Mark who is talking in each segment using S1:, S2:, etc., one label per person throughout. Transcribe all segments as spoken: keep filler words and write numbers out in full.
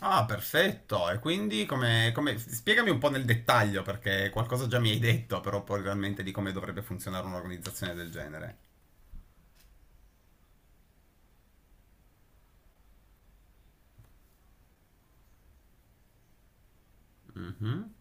S1: Ah, perfetto. E quindi come, come- spiegami un po' nel dettaglio, perché qualcosa già mi hai detto, però poi realmente di come dovrebbe funzionare un'organizzazione del genere. Mhm.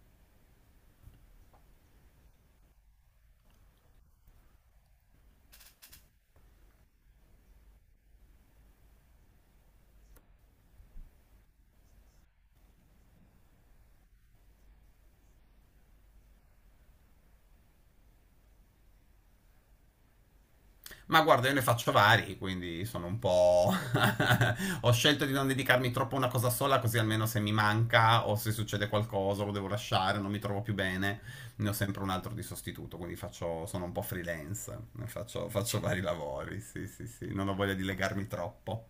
S1: Ma guarda, io ne faccio vari, quindi sono un po'... Ho scelto di non dedicarmi troppo a una cosa sola, così almeno se mi manca o se succede qualcosa o lo devo lasciare, non mi trovo più bene, ne ho sempre un altro di sostituto, quindi faccio... sono un po' freelance, ne faccio, faccio vari lavori, sì, sì, sì, non ho voglia di legarmi troppo.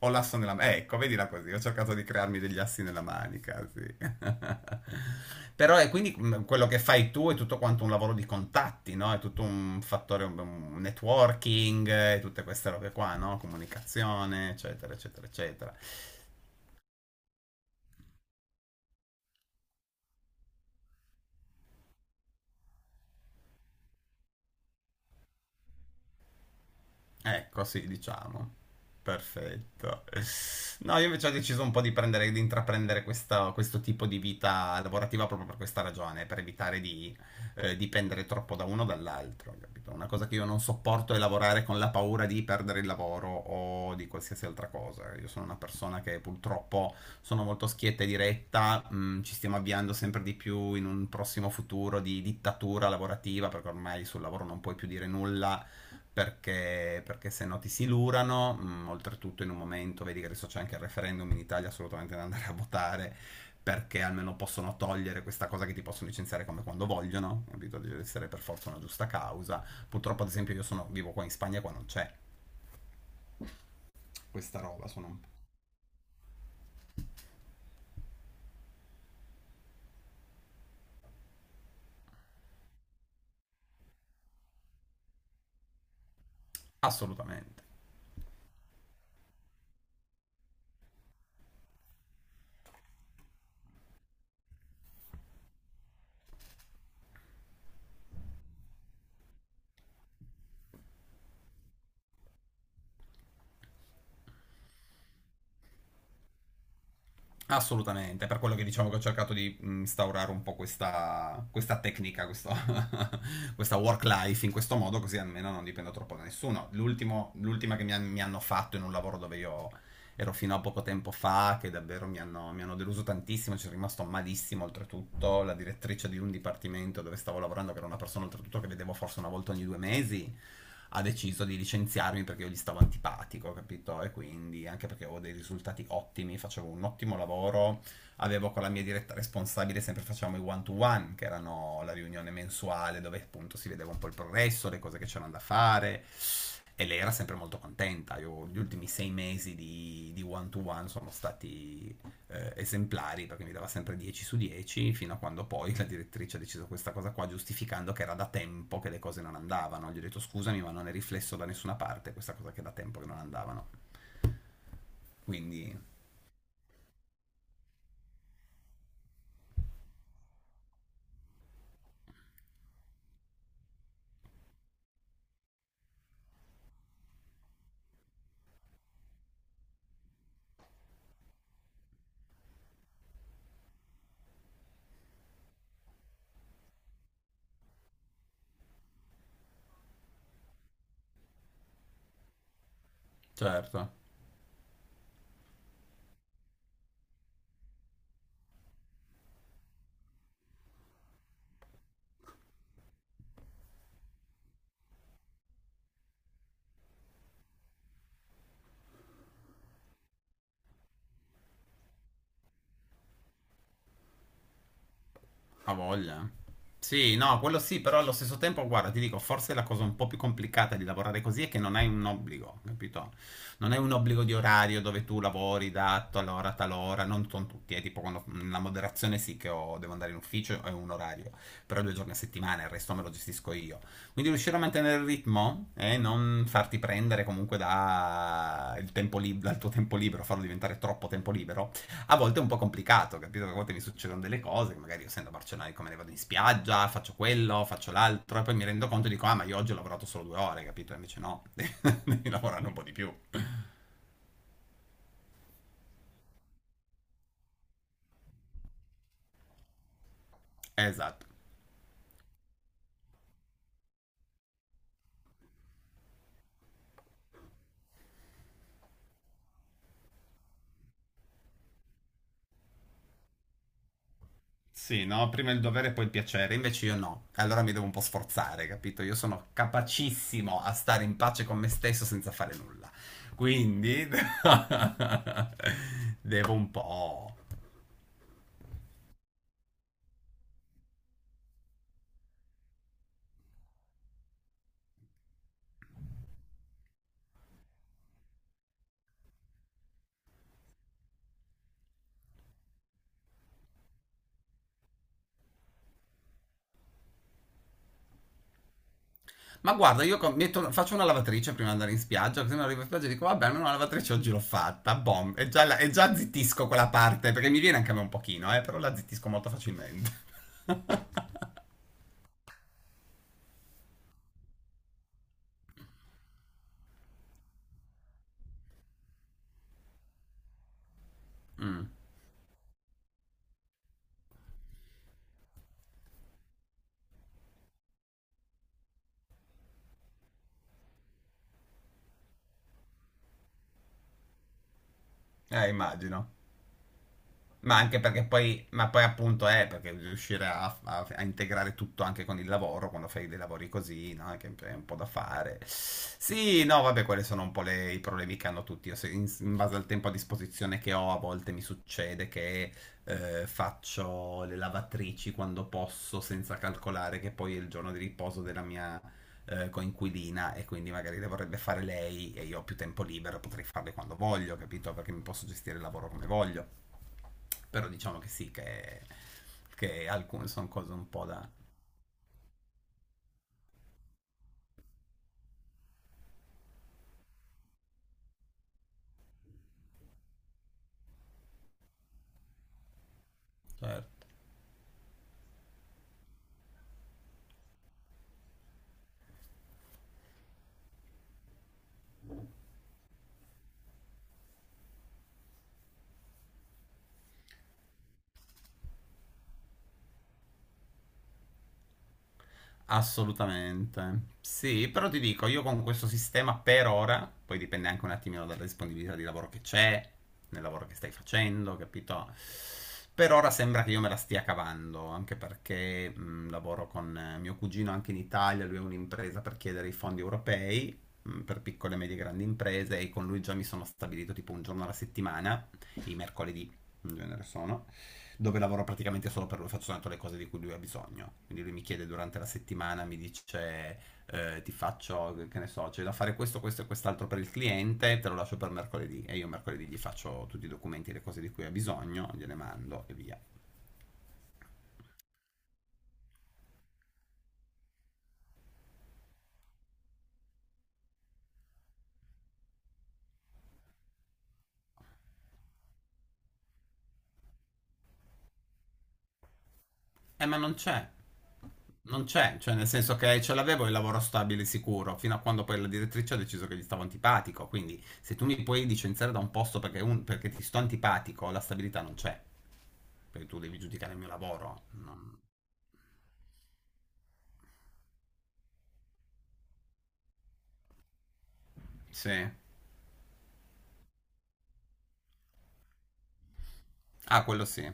S1: Ho l'asso nella manica, ecco, vedila così, ho cercato di crearmi degli assi nella manica, sì. Però e quindi mh, quello che fai tu è tutto quanto un lavoro di contatti, no? È tutto un fattore, un- un networking, eh, tutte queste robe qua, no? Comunicazione, eccetera, eccetera, eccetera. Ecco, sì, diciamo. Perfetto. No, io invece ho deciso un po' di prendere, di intraprendere questa- questo tipo di vita lavorativa proprio per questa ragione, per evitare di eh, dipendere troppo da uno o dall'altro, capito? Una cosa che io non sopporto è lavorare con la paura di perdere il lavoro o di qualsiasi altra cosa. Io sono una persona che purtroppo sono molto schietta e diretta. Mm, ci stiamo avviando sempre di più in un prossimo futuro di dittatura lavorativa, perché ormai sul lavoro non puoi più dire nulla perché, perché se no ti silurano, mh, oltretutto in un momento, vedi che adesso c'è anche il referendum in Italia, assolutamente da andare a votare, perché almeno possono togliere questa cosa che ti possono licenziare come quando vogliono, capito? Deve essere per forza una giusta causa. Purtroppo, ad esempio, io sono, vivo qua in Spagna, qua non c'è questa roba, sono un... assolutamente. Assolutamente, per quello che diciamo che ho cercato di mh, instaurare un po' questa, questa tecnica, questo- questa work life in questo modo, così almeno non dipendo troppo da nessuno. L'ultimo- l'ultima che mi, han- mi hanno fatto in un lavoro dove io ero fino a poco tempo fa, che davvero mi hanno, mi hanno deluso tantissimo, ci sono rimasto malissimo oltretutto, la direttrice di un dipartimento dove stavo lavorando, che era una persona oltretutto che vedevo forse una volta ogni due mesi, ha deciso di licenziarmi perché io gli stavo antipatico, capito? E quindi anche perché avevo dei risultati ottimi, facevo un ottimo lavoro, avevo con la mia diretta responsabile sempre facciamo i one to one, che erano la riunione mensuale dove appunto si vedeva un po' il progresso, le cose che c'erano da fare. E lei era sempre molto contenta. Io, gli ultimi sei mesi di, di one to one sono stati eh, esemplari, perché mi dava sempre dieci su dieci, fino a quando poi la direttrice ha deciso questa cosa qua, giustificando che era da tempo che le cose non andavano. Gli ho detto scusami, ma non è riflesso da nessuna parte questa cosa che è da tempo che non andavano. Quindi, certo. Ha voglia. Eh? Sì, no, quello sì, però allo stesso tempo, guarda, ti dico, forse la cosa un po' più complicata di lavorare così è che non hai un obbligo, capito? Non hai un obbligo di orario dove tu lavori da tal ora a tal ora, non con tutti, è tipo quando la moderazione sì che ho- devo andare in ufficio, è un orario, però due giorni a settimana, il resto me lo gestisco io. Quindi riuscire a mantenere il ritmo e non farti prendere comunque da il tempo lib- dal tuo tempo libero, farlo diventare troppo tempo libero, a volte è un po' complicato, capito? Perché a volte mi succedono delle cose, che magari io essendo barcelonaico me ne vado in spiaggia, faccio quello, faccio l'altro, e poi mi rendo conto e dico, ah, ma io oggi ho lavorato solo due ore, capito? E invece no, devi lavorare un po' di più. Esatto. Sì, no, prima il dovere e poi il piacere, invece io no. Allora mi devo un po' sforzare, capito? Io sono capacissimo a stare in pace con me stesso senza fare nulla. Quindi devo un po'. Ma guarda, io com- metto- faccio una lavatrice prima di andare in spiaggia, così mi arrivo in spiaggia e dico, vabbè, almeno una lavatrice oggi l'ho fatta, bom, e già, la- e già zittisco quella parte, perché mi viene anche a me un pochino, eh, però la zittisco molto facilmente. Mm. Eh, immagino. Ma anche perché poi, ma poi appunto è perché riuscire a, a- a integrare tutto anche con il lavoro, quando fai dei lavori così, no? Che è un po' da fare. Sì, no, vabbè, quelli sono un po' le- i problemi che hanno tutti. Io se- in, in base al tempo a disposizione che ho, a volte mi succede che eh, faccio le lavatrici quando posso, senza calcolare che poi è il giorno di riposo della mia eh, coinquilina, e quindi magari le vorrebbe fare lei e io ho più tempo libero, potrei farle quando voglio, capito? Perché mi posso gestire il lavoro come voglio. Però diciamo che sì, che, che alcune sono cose un po' da... Certo. Assolutamente. Sì, però ti dico, io con questo sistema per ora, poi dipende anche un attimino dalla disponibilità di lavoro che c'è, nel lavoro che stai facendo, capito? Per ora sembra che io me la stia cavando, anche perché mh, lavoro con eh, mio cugino anche in Italia, lui ha un'impresa per chiedere i fondi europei mh, per piccole, medie e grandi imprese, e con lui già mi sono stabilito tipo un giorno alla settimana, i mercoledì in genere sono dove lavoro praticamente solo per lui, faccio soltanto le cose di cui lui ha bisogno. Quindi lui mi chiede durante la settimana, mi dice eh, ti faccio, che ne so, c'è da fare questo, questo e quest'altro per il cliente, te lo lascio per mercoledì e io mercoledì gli faccio tutti i documenti e le cose di cui ha bisogno, gliele mando e via. Eh, ma non c'è. Non c'è, cioè nel senso che ce l'avevo il lavoro stabile sicuro, fino a quando poi la direttrice ha deciso che gli stavo antipatico, quindi se tu mi puoi licenziare da un posto perché, un- perché ti sto antipatico, la stabilità non c'è, perché tu devi giudicare il mio lavoro. Non- Sì. Ah, quello sì.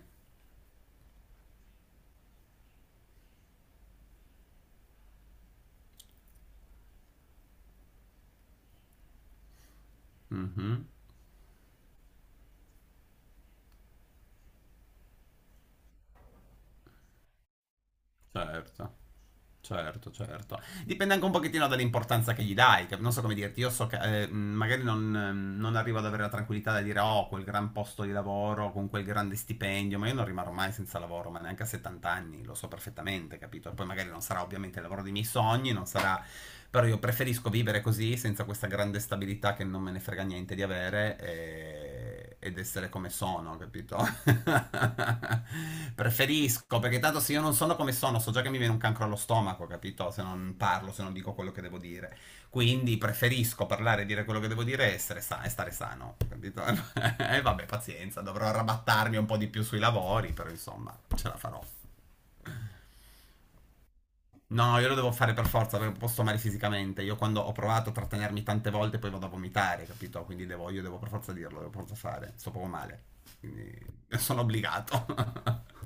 S1: Mhm. Certo. Certo, certo. Dipende anche un pochettino dall'importanza che gli dai. Che- non so come dirti, io so che eh, mh, magari non, ehm, non arrivo ad avere la tranquillità da dire oh, quel gran posto di lavoro con quel grande stipendio, ma io non rimarrò mai senza lavoro, ma neanche a settanta anni, lo so perfettamente, capito? E poi magari non sarà ovviamente il lavoro dei miei sogni, non sarà... Però io preferisco vivere così, senza questa grande stabilità che non me ne frega niente di avere, e e, ed essere come sono, capito? Preferisco, perché tanto se io non sono come sono, so già che mi viene un cancro allo stomaco, capito? Se non parlo, se non dico quello che devo dire. Quindi preferisco parlare e dire quello che devo dire e, essere sa- e stare sano, capito? E eh, vabbè, pazienza, dovrò arrabattarmi un po' di più sui lavori, però insomma, ce la farò. No, io lo devo fare per forza perché non posso male fisicamente. Io quando ho provato a trattenermi tante volte poi vado a vomitare, capito? Quindi devo, io devo per forza dirlo, devo per forza fare. Sto proprio male. Quindi sono obbligato.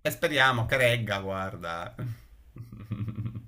S1: E speriamo che regga, guarda.